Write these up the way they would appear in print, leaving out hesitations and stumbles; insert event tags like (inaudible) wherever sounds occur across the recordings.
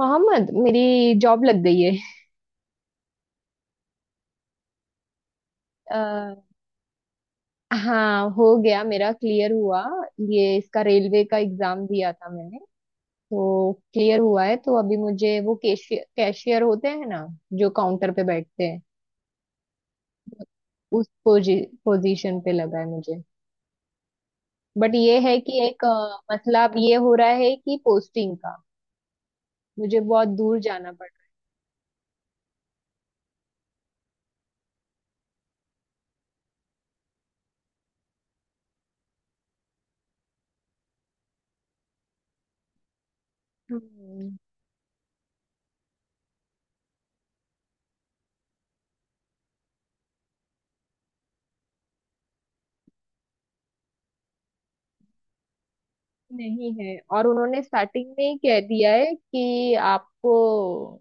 मोहम्मद मेरी जॉब लग गई है। अ, हाँ हो गया मेरा क्लियर हुआ। ये इसका रेलवे का एग्जाम दिया था मैंने, तो क्लियर हुआ है। तो अभी मुझे वो कैशियर कैशियर होते हैं ना, जो काउंटर पे बैठते हैं, उस पोजीशन पे लगा है मुझे। बट ये है कि एक मसला अब ये हो रहा है कि पोस्टिंग का, मुझे बहुत दूर जाना पड़ रहा है। नहीं है, और उन्होंने स्टार्टिंग में ही कह दिया है कि आपको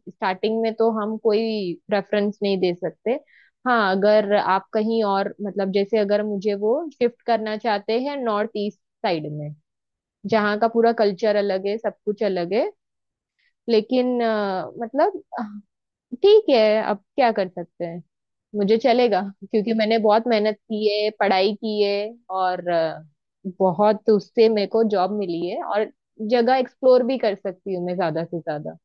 स्टार्टिंग में तो हम कोई प्रेफरेंस नहीं दे सकते। हाँ, अगर आप कहीं और मतलब जैसे अगर मुझे वो शिफ्ट करना चाहते हैं नॉर्थ ईस्ट साइड में, जहाँ का पूरा कल्चर अलग है, सब कुछ अलग है। लेकिन मतलब ठीक है, अब क्या कर सकते हैं, मुझे चलेगा। क्योंकि मैंने बहुत मेहनत की है, पढ़ाई की है, और बहुत उससे मेरे को जॉब मिली है, और जगह एक्सप्लोर भी कर सकती हूँ मैं ज्यादा से ज्यादा।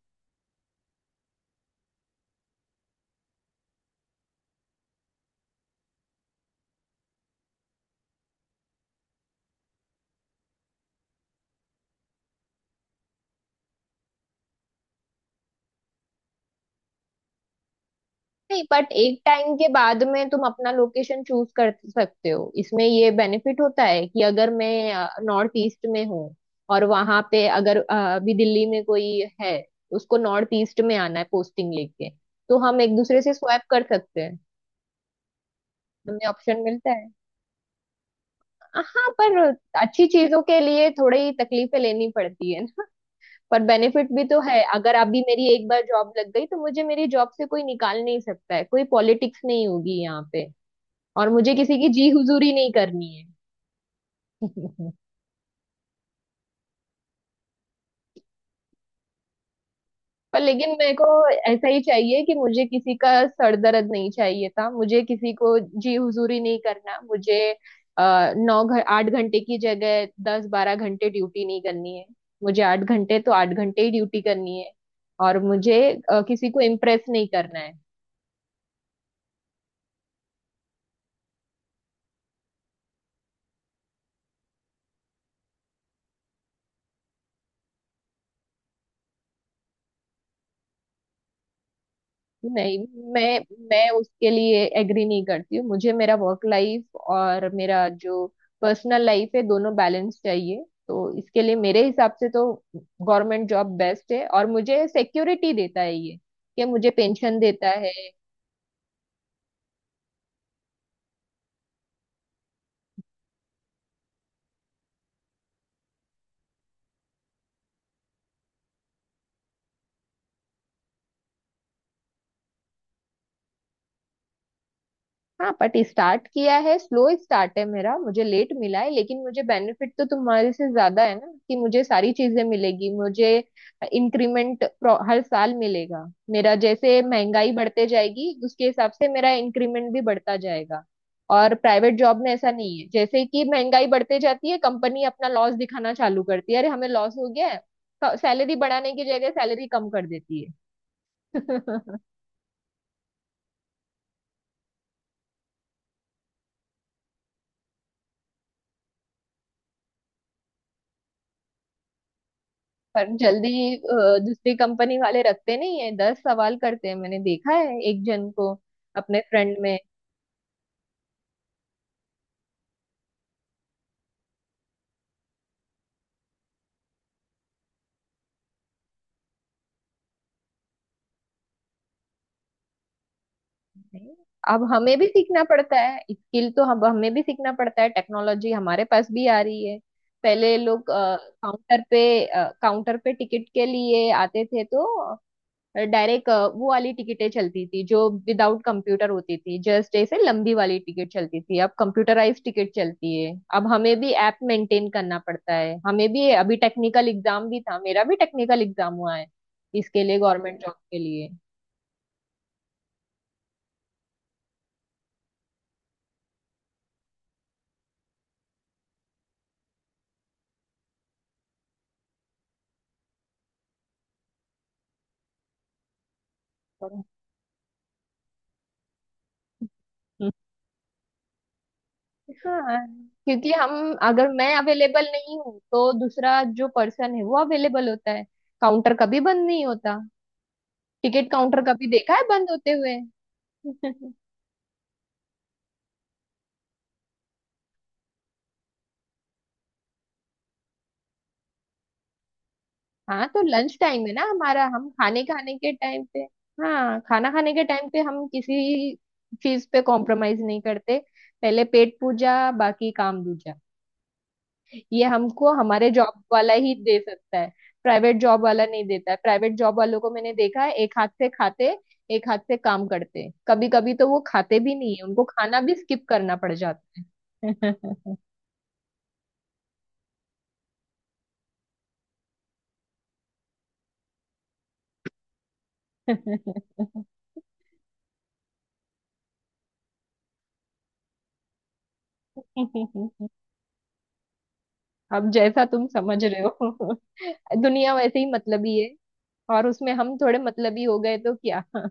नहीं बट एक टाइम के बाद में तुम अपना लोकेशन चूज कर सकते हो, इसमें ये बेनिफिट होता है कि अगर मैं नॉर्थ ईस्ट में हूँ और वहां पे, अगर अभी दिल्ली में कोई है, उसको नॉर्थ ईस्ट में आना है पोस्टिंग लेके, तो हम एक दूसरे से स्वैप कर सकते हैं, हमें ऑप्शन मिलता है। हाँ पर अच्छी चीजों के लिए थोड़ी तकलीफें लेनी पड़ती है ना। पर बेनिफिट भी तो है, अगर अभी मेरी एक बार जॉब लग गई तो मुझे मेरी जॉब से कोई निकाल नहीं सकता है, कोई पॉलिटिक्स नहीं होगी यहाँ पे, और मुझे किसी की जी हुजूरी नहीं करनी है। (laughs) पर लेकिन मेरे को ऐसा ही चाहिए कि मुझे किसी का सर दर्द नहीं चाहिए था, मुझे किसी को जी हुजूरी नहीं करना, मुझे अ, 8 घंटे की जगह 10 12 घंटे ड्यूटी नहीं करनी है, मुझे 8 घंटे तो 8 घंटे ही ड्यूटी करनी है। और मुझे किसी को इम्प्रेस नहीं करना है। नहीं, मैं मैं उसके लिए एग्री नहीं करती हूँ। मुझे मेरा वर्क लाइफ और मेरा जो पर्सनल लाइफ है दोनों बैलेंस चाहिए, तो इसके लिए मेरे हिसाब से तो गवर्नमेंट जॉब बेस्ट है, और मुझे सिक्योरिटी देता है ये कि मुझे पेंशन देता है। हाँ बट स्टार्ट किया है, स्लो स्टार्ट है मेरा, मुझे लेट मिला है, लेकिन मुझे बेनिफिट तो तुम्हारे से ज्यादा है ना कि मुझे सारी चीजें मिलेगी, मुझे इंक्रीमेंट हर साल मिलेगा। मेरा जैसे महंगाई बढ़ते जाएगी उसके हिसाब से मेरा इंक्रीमेंट भी बढ़ता जाएगा। और प्राइवेट जॉब में ऐसा नहीं है, जैसे कि महंगाई बढ़ते जाती है कंपनी अपना लॉस दिखाना चालू करती है, अरे हमें लॉस हो गया है, सैलरी बढ़ाने की जगह सैलरी कम कर देती है। (laughs) पर जल्दी दूसरी कंपनी वाले रखते नहीं है, 10 सवाल करते हैं, मैंने देखा है एक जन को अपने फ्रेंड में। अब हमें भी सीखना पड़ता है स्किल, तो हम हमें भी सीखना पड़ता है, टेक्नोलॉजी हमारे पास भी आ रही है। पहले लोग काउंटर पे टिकट के लिए आते थे, तो डायरेक्ट वो वाली टिकटें चलती थी जो विदाउट कंप्यूटर होती थी, जस्ट ऐसे लंबी वाली टिकट चलती थी। अब कंप्यूटराइज टिकट चलती है, अब हमें भी ऐप मेंटेन करना पड़ता है, हमें भी अभी टेक्निकल एग्जाम भी था, मेरा भी टेक्निकल एग्जाम हुआ है इसके लिए, गवर्नमेंट जॉब के लिए। पर- हाँ, क्योंकि हम अगर मैं अवेलेबल नहीं हूँ तो दूसरा जो पर्सन है वो अवेलेबल होता है, काउंटर कभी बंद नहीं होता, टिकट काउंटर कभी देखा है बंद होते हुए? (laughs) हाँ तो लंच टाइम है ना हमारा, हम खाने खाने के टाइम पे, हाँ खाना खाने के टाइम पे हम किसी चीज पे कॉम्प्रोमाइज नहीं करते। पहले पेट पूजा, बाकी काम दूजा। ये हमको हमारे जॉब वाला ही दे सकता है, प्राइवेट जॉब वाला नहीं देता है। प्राइवेट जॉब वालों को मैंने देखा है एक हाथ से खाते, एक हाथ से काम करते, कभी कभी तो वो खाते भी नहीं है, उनको खाना भी स्किप करना पड़ जाता है। (laughs) अब जैसा तुम समझ रहे हो। (laughs) दुनिया वैसे ही मतलबी है, और उसमें हम थोड़े मतलबी हो गए तो क्या? (laughs)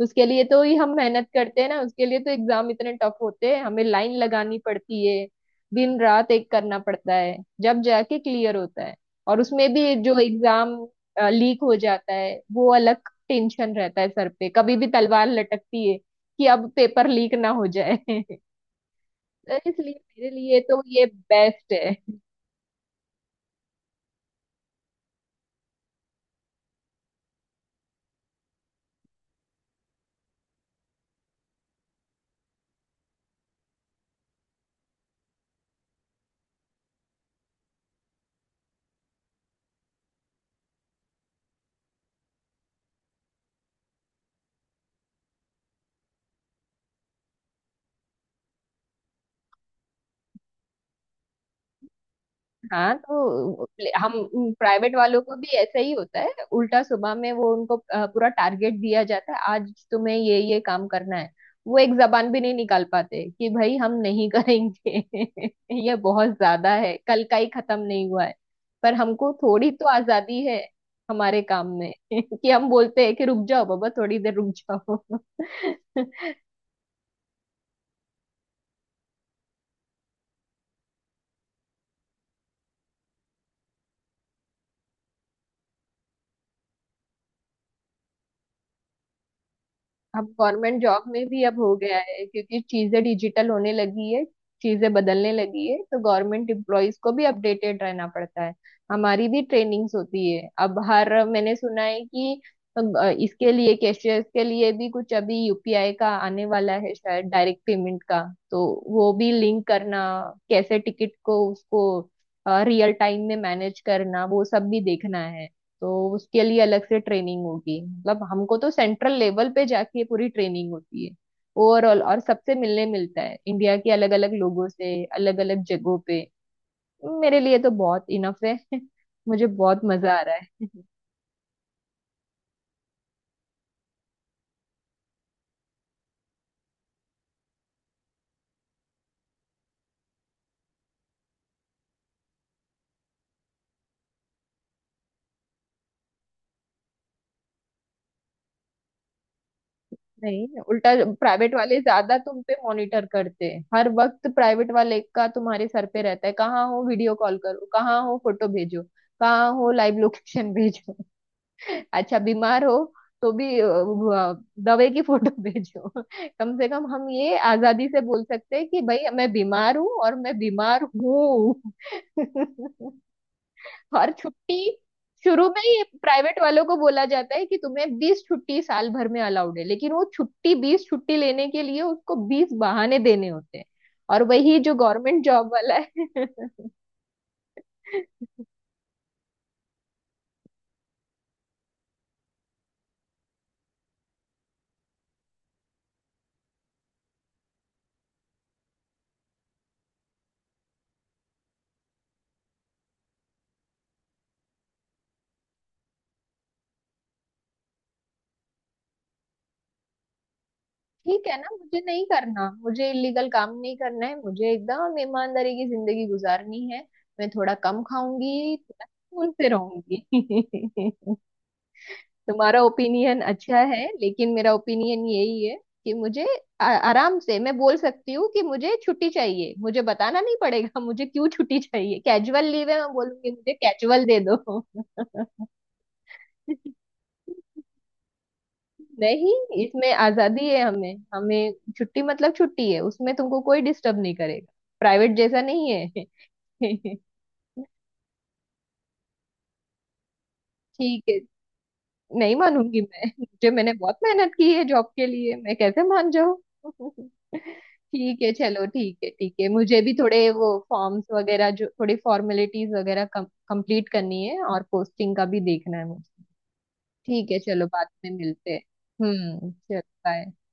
उसके लिए तो ही हम मेहनत करते हैं ना, उसके लिए तो एग्जाम इतने टफ होते हैं, हमें लाइन लगानी पड़ती है, दिन रात एक करना पड़ता है, जब जाके क्लियर होता है। और उसमें भी जो एग्जाम लीक हो जाता है वो अलग टेंशन रहता है, सर पे कभी भी तलवार लटकती है कि अब पेपर लीक ना हो जाए। (laughs) तो इसलिए मेरे लिए तो ये बेस्ट है। हाँ तो हम प्राइवेट वालों को भी ऐसा ही होता है उल्टा, सुबह में वो उनको पूरा टारगेट दिया जाता है, आज तुम्हें ये काम करना है, वो एक जबान भी नहीं निकाल पाते कि भाई हम नहीं करेंगे, (laughs) ये बहुत ज्यादा है, कल का ही खत्म नहीं हुआ है। पर हमको थोड़ी तो आजादी है हमारे काम में, (laughs) कि हम बोलते हैं कि रुक जाओ बाबा, थोड़ी देर रुक जाओ। (laughs) अब गवर्नमेंट जॉब में भी अब हो गया है, क्योंकि चीजें डिजिटल होने लगी है, चीजें बदलने लगी है, तो गवर्नमेंट एम्प्लॉयज को भी अपडेटेड रहना पड़ता है। हमारी भी ट्रेनिंग्स होती है अब, हर मैंने सुना है कि अ, इसके लिए कैशियर्स के लिए भी कुछ अभी यूपीआई का आने वाला है शायद डायरेक्ट पेमेंट का, तो वो भी लिंक करना, कैसे टिकट को उसको रियल टाइम में मैनेज करना, वो सब भी देखना है। तो उसके लिए अलग से ट्रेनिंग होगी, मतलब हमको तो सेंट्रल लेवल पे जाके पूरी ट्रेनिंग होती है ओवरऑल, और सबसे मिलने मिलता है, इंडिया के अलग अलग लोगों से, अलग अलग जगहों पे। मेरे लिए तो बहुत इनफ है। (laughs) मुझे बहुत मजा आ रहा है। (laughs) नहीं उल्टा, प्राइवेट वाले ज्यादा तुम पे मॉनिटर करते हैं, हर वक्त प्राइवेट वाले का तुम्हारे सर पे रहता है, कहाँ हो वीडियो कॉल करो, कहाँ हो फोटो भेजो, कहाँ हो लाइव लोकेशन (laughs) भेजो, अच्छा बीमार हो तो भी दवाई की फोटो (laughs) भेजो। कम से कम हम ये आजादी से बोल सकते हैं कि भाई मैं बीमार हूँ, और मैं बीमार हूँ। (laughs) और छुट्टी शुरू में ही प्राइवेट वालों को बोला जाता है कि तुम्हें 20 छुट्टी साल भर में अलाउड है, लेकिन वो छुट्टी, 20 छुट्टी लेने के लिए उसको 20 बहाने देने होते हैं, और वही जो गवर्नमेंट जॉब वाला है। (laughs) ठीक है ना, मुझे नहीं करना, मुझे इलीगल काम नहीं करना है, मुझे एकदम ईमानदारी की जिंदगी गुजारनी है। मैं थोड़ा कम खाऊंगी, थोड़ा सुकून से रहूंगी। (laughs) तुम्हारा ओपिनियन अच्छा है, लेकिन मेरा ओपिनियन यही है कि मुझे आराम से मैं बोल सकती हूँ कि मुझे छुट्टी चाहिए, मुझे बताना नहीं पड़ेगा मुझे क्यों छुट्टी चाहिए, कैजुअल लीव है, मैं बोलूंगी मुझे कैजुअल दे दो। (laughs) नहीं, इसमें आजादी है, हमें हमें छुट्टी मतलब छुट्टी है, उसमें तुमको कोई डिस्टर्ब नहीं करेगा, प्राइवेट जैसा नहीं है। (laughs) ठीक है, नहीं मानूंगी मैं, मुझे मैंने बहुत मेहनत की है जॉब के लिए, मैं कैसे मान जाऊँ? (laughs) ठीक है चलो, ठीक है ठीक है, मुझे भी थोड़े वो फॉर्म्स वगैरह जो, थोड़ी फॉर्मेलिटीज वगैरह कंप्लीट करनी है, और पोस्टिंग का भी देखना है मुझे। ठीक है चलो, बाद में मिलते हैं। हम्म, चलो बाय।